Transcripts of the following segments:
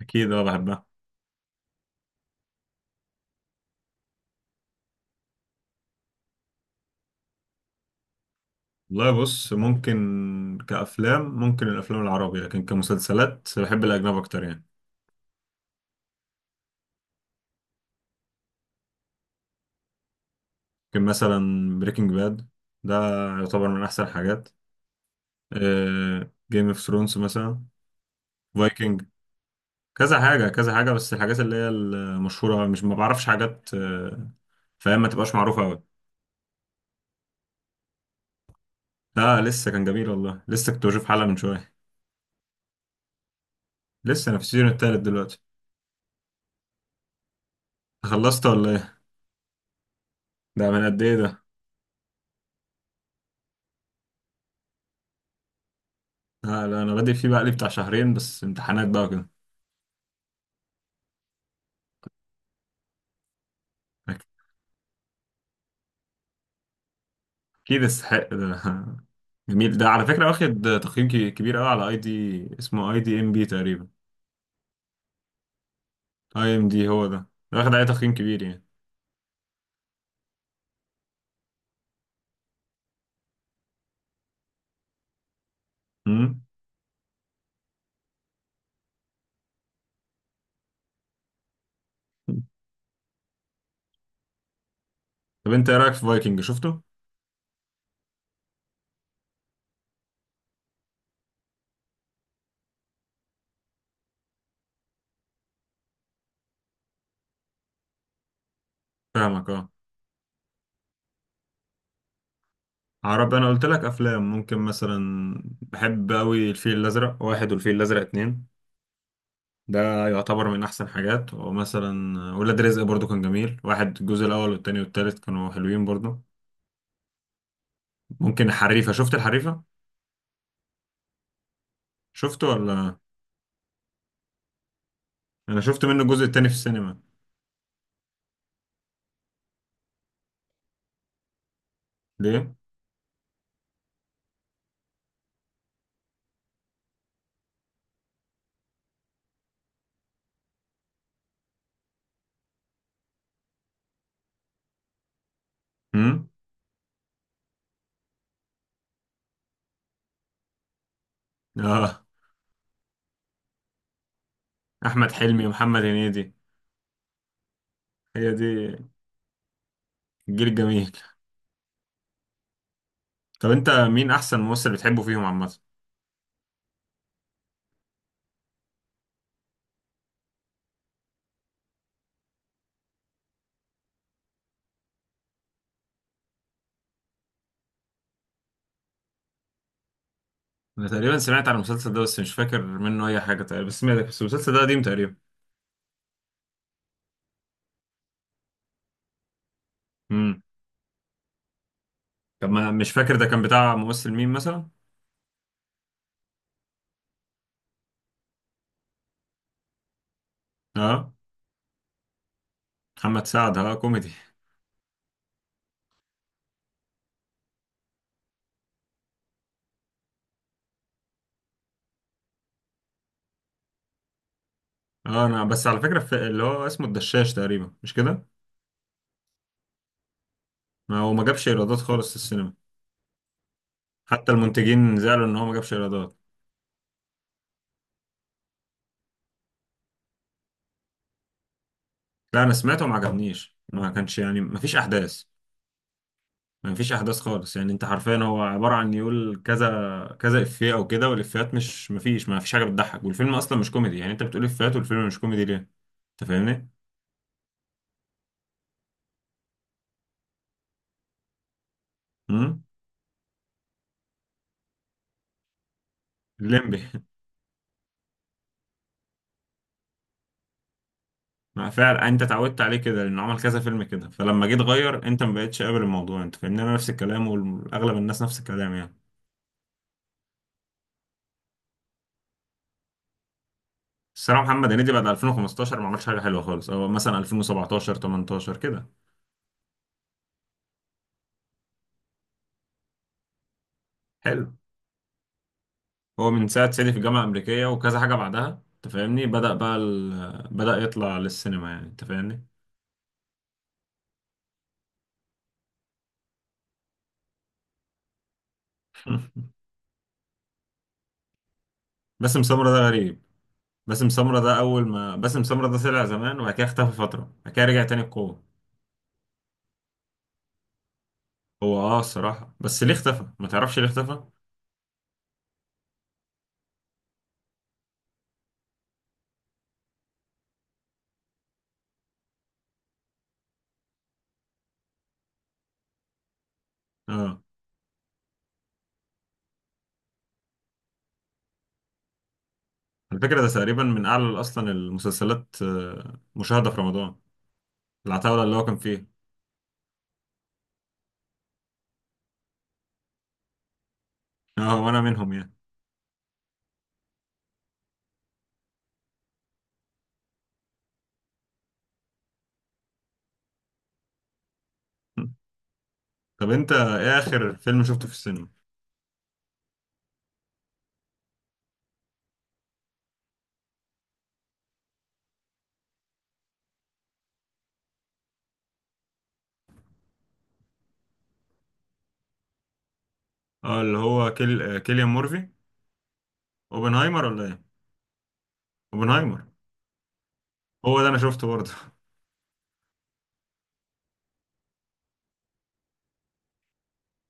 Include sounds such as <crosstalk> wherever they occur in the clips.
اكيد، اه بحبها. والله بص، ممكن كافلام ممكن الافلام العربي، لكن كمسلسلات بحب الاجنبي اكتر يعني. ممكن مثلا بريكنج باد، ده يعتبر من احسن الحاجات. جيم اوف ثرونز مثلا، فايكنج، كذا حاجه كذا حاجه، بس الحاجات اللي هي المشهوره، مش ما بعرفش حاجات فاهم؟ ما تبقاش معروفه قوي. لا لسه، كان جميل والله، لسه كنت بشوف حلقه من شويه. لسه انا في السيزون التالت دلوقتي. خلصت ولا ايه؟ ده من قد ايه ده؟ لا, لا انا بادئ فيه بقى لي بتاع شهرين، بس امتحانات بقى كده. اكيد يستحق ده <laughs> جميل ده على فكرة، واخد تقييم كبير قوي على اي دي. اسمه اي دي ام بي تقريبا. اي ام دي، هو ده. ده واخد عليه تقييم كبير يعني. امم. طب انت ايه رايك في فايكنج؟ شفته؟ فاهمك اه. عربي، انا قلت لك افلام. ممكن مثلا بحب قوي الفيل الازرق واحد، والفيل الازرق اتنين. ده يعتبر من احسن حاجات. ومثلا ولاد رزق برضو كان جميل. واحد، الجزء الاول والتاني والتالت كانوا حلوين برضو. ممكن الحريفة. شفت الحريفة؟ شفته ولا؟ انا شفت منه الجزء التاني في السينما. ليه؟ امم. اه. احمد حلمي ومحمد هنيدي، هي دي الجيل الجميل. طب انت مين احسن ممثل بتحبه فيهم عامه؟ انا تقريبا سمعت عن المسلسل ده، بس مش فاكر منه اي حاجه تقريبا. بس سمعت، بس المسلسل ده قديم تقريبا. امم. طب ما مش فاكر ده كان بتاع ممثل مين مثلا؟ اه. محمد سعد، اه كوميدي. اه انا بس على فكره، في اللي هو اسمه الدشاش تقريبا، مش كده؟ ما هو ما جابش ايرادات خالص في السينما. حتى المنتجين زعلوا ان هو ما جابش ايرادات. لا انا سمعته وما عجبنيش. ما كانش يعني، ما فيش احداث. ما فيش احداث خالص يعني. انت حرفيا هو عباره عن يقول كذا كذا افيه او كده، والافيهات مش ما فيش حاجه بتضحك. والفيلم اصلا مش كوميدي يعني. انت بتقول افيهات والفيلم مش كوميدي، ليه؟ انت فاهمني. امم. الليمبي <laughs> ما فعلا انت اتعودت عليه كده لانه عمل كذا فيلم كده، فلما جيت غير، انت ما بقتش قابل الموضوع. انت فاهمني، انا نفس الكلام، واغلب الناس نفس الكلام يعني. الصراحه محمد هنيدي بعد 2015 ما عملش حاجه حلوه خالص، او مثلا 2017 18 كده. حلو. هو من ساعة سيدي في الجامعة الأمريكية وكذا حاجة بعدها، أنت فاهمني، بدأ بقى بدأ يطلع للسينما يعني، أنت فاهمني. <laughs> باسم سمرة ده غريب. باسم سمرة ده، أول ما باسم سمرة ده طلع زمان، وبعد كده اختفى فترة، بعد كده رجع تاني بقوة. هو أه الصراحة، بس ليه اختفى؟ ما تعرفش ليه اختفى؟ أه على فكرة ده تقريبا من أعلى أصلا المسلسلات مشاهدة في رمضان، العتاولة اللي هو كان فيه. أه وأنا منهم يعني. <laughs> طب أنت إيه آخر فيلم شفته في السينما؟ أه اللي هو كيليان مورفي. أوبنهايمر ولا إيه؟ اوبنهايمر هو ده، انا شفته برضه <laughs>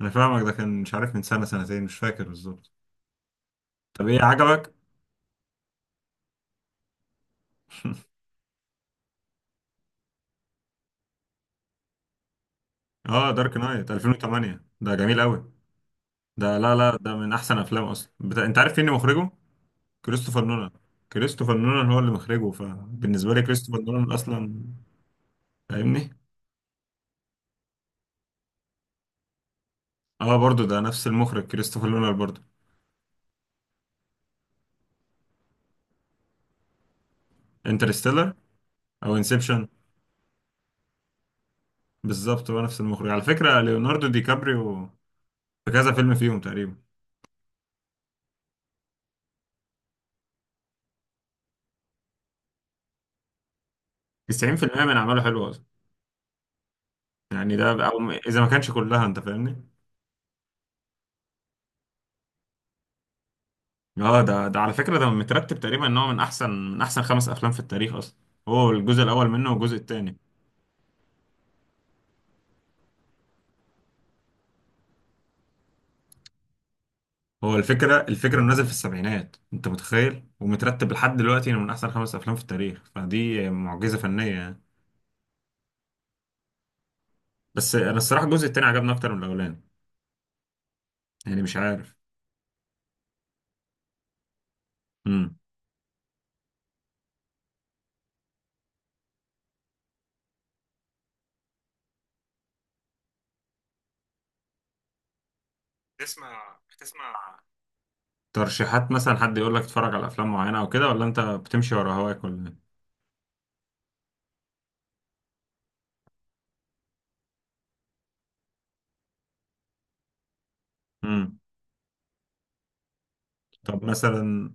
انا فاهمك، ده كان مش عارف، من سنة، سنتين، مش فاكر بالظبط. طب ايه عجبك؟ <laughs> اه دارك نايت 2008، ده جميل قوي. ده لا لا، ده من احسن افلام اصلا انت عارف مين اللي مخرجه؟ كريستوفر نولان. كريستوفر نولان هو اللي مخرجه، فبالنسبة لي كريستوفر نولان اصلا. فاهمني. اه برضه ده نفس المخرج، كريستوفر نولان برضه. انترستيلر او انسبشن. بالظبط، هو نفس المخرج. على فكرة ليوناردو دي كابريو في كذا فيلم فيهم تقريبا. 90% من اعماله حلوة يعني، ده او اذا ما كانش كلها، انت فاهمني. اه ده ده على فكره، ده مترتب تقريبا ان هو من احسن، من احسن خمس افلام في التاريخ اصلا. هو الجزء الاول منه والجزء الثاني. هو الفكره، الفكره انه نازل في السبعينات انت متخيل، ومترتب لحد دلوقتي انه من احسن خمس افلام في التاريخ، فدي معجزه فنيه يعني. بس انا الصراحه الجزء الثاني عجبني اكتر من الاولاني، يعني مش عارف. امم. تسمع، بتسمع ترشيحات مثلا؟ حد يقول لك اتفرج على افلام معينه او كده، ولا انت بتمشي ورا هواك ولا ايه؟ امم. طب مثلا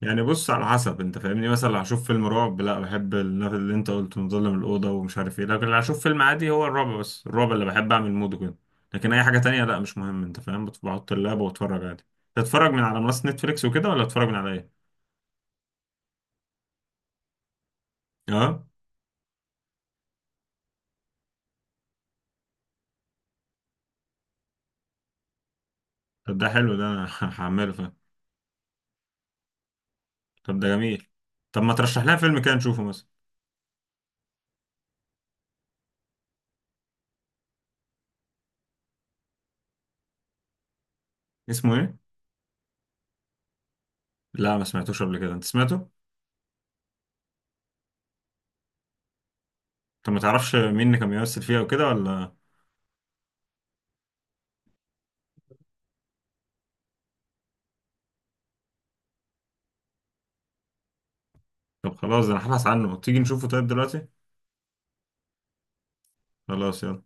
يعني، بص على حسب، انت فاهمني، مثلا لو هشوف فيلم رعب، لا بحب النفس اللي انت قلته، مظلم الاوضه ومش عارف ايه. لكن لو هشوف فيلم عادي، هو الرعب، بس الرعب اللي بحب اعمل مود كده. لكن اي حاجه تانية لا مش مهم، انت فاهم، بحط اللاب واتفرج عادي. تتفرج من على منصه نتفليكس وكده، ولا تتفرج من على ايه؟ اه. طب ده حلو، ده انا <laughs> هعمله، فاهم؟ طب ده جميل. طب ما ترشح لنا فيلم كده نشوفه مثلا؟ اسمه ايه؟ لا ما سمعتوش قبل كده، انت سمعته؟ طب ما تعرفش مين اللي كان بيمثل فيها وكده ولا؟ طب خلاص، ده انا هبحث عنه، تيجي نشوفه طيب دلوقتي؟ خلاص يلا.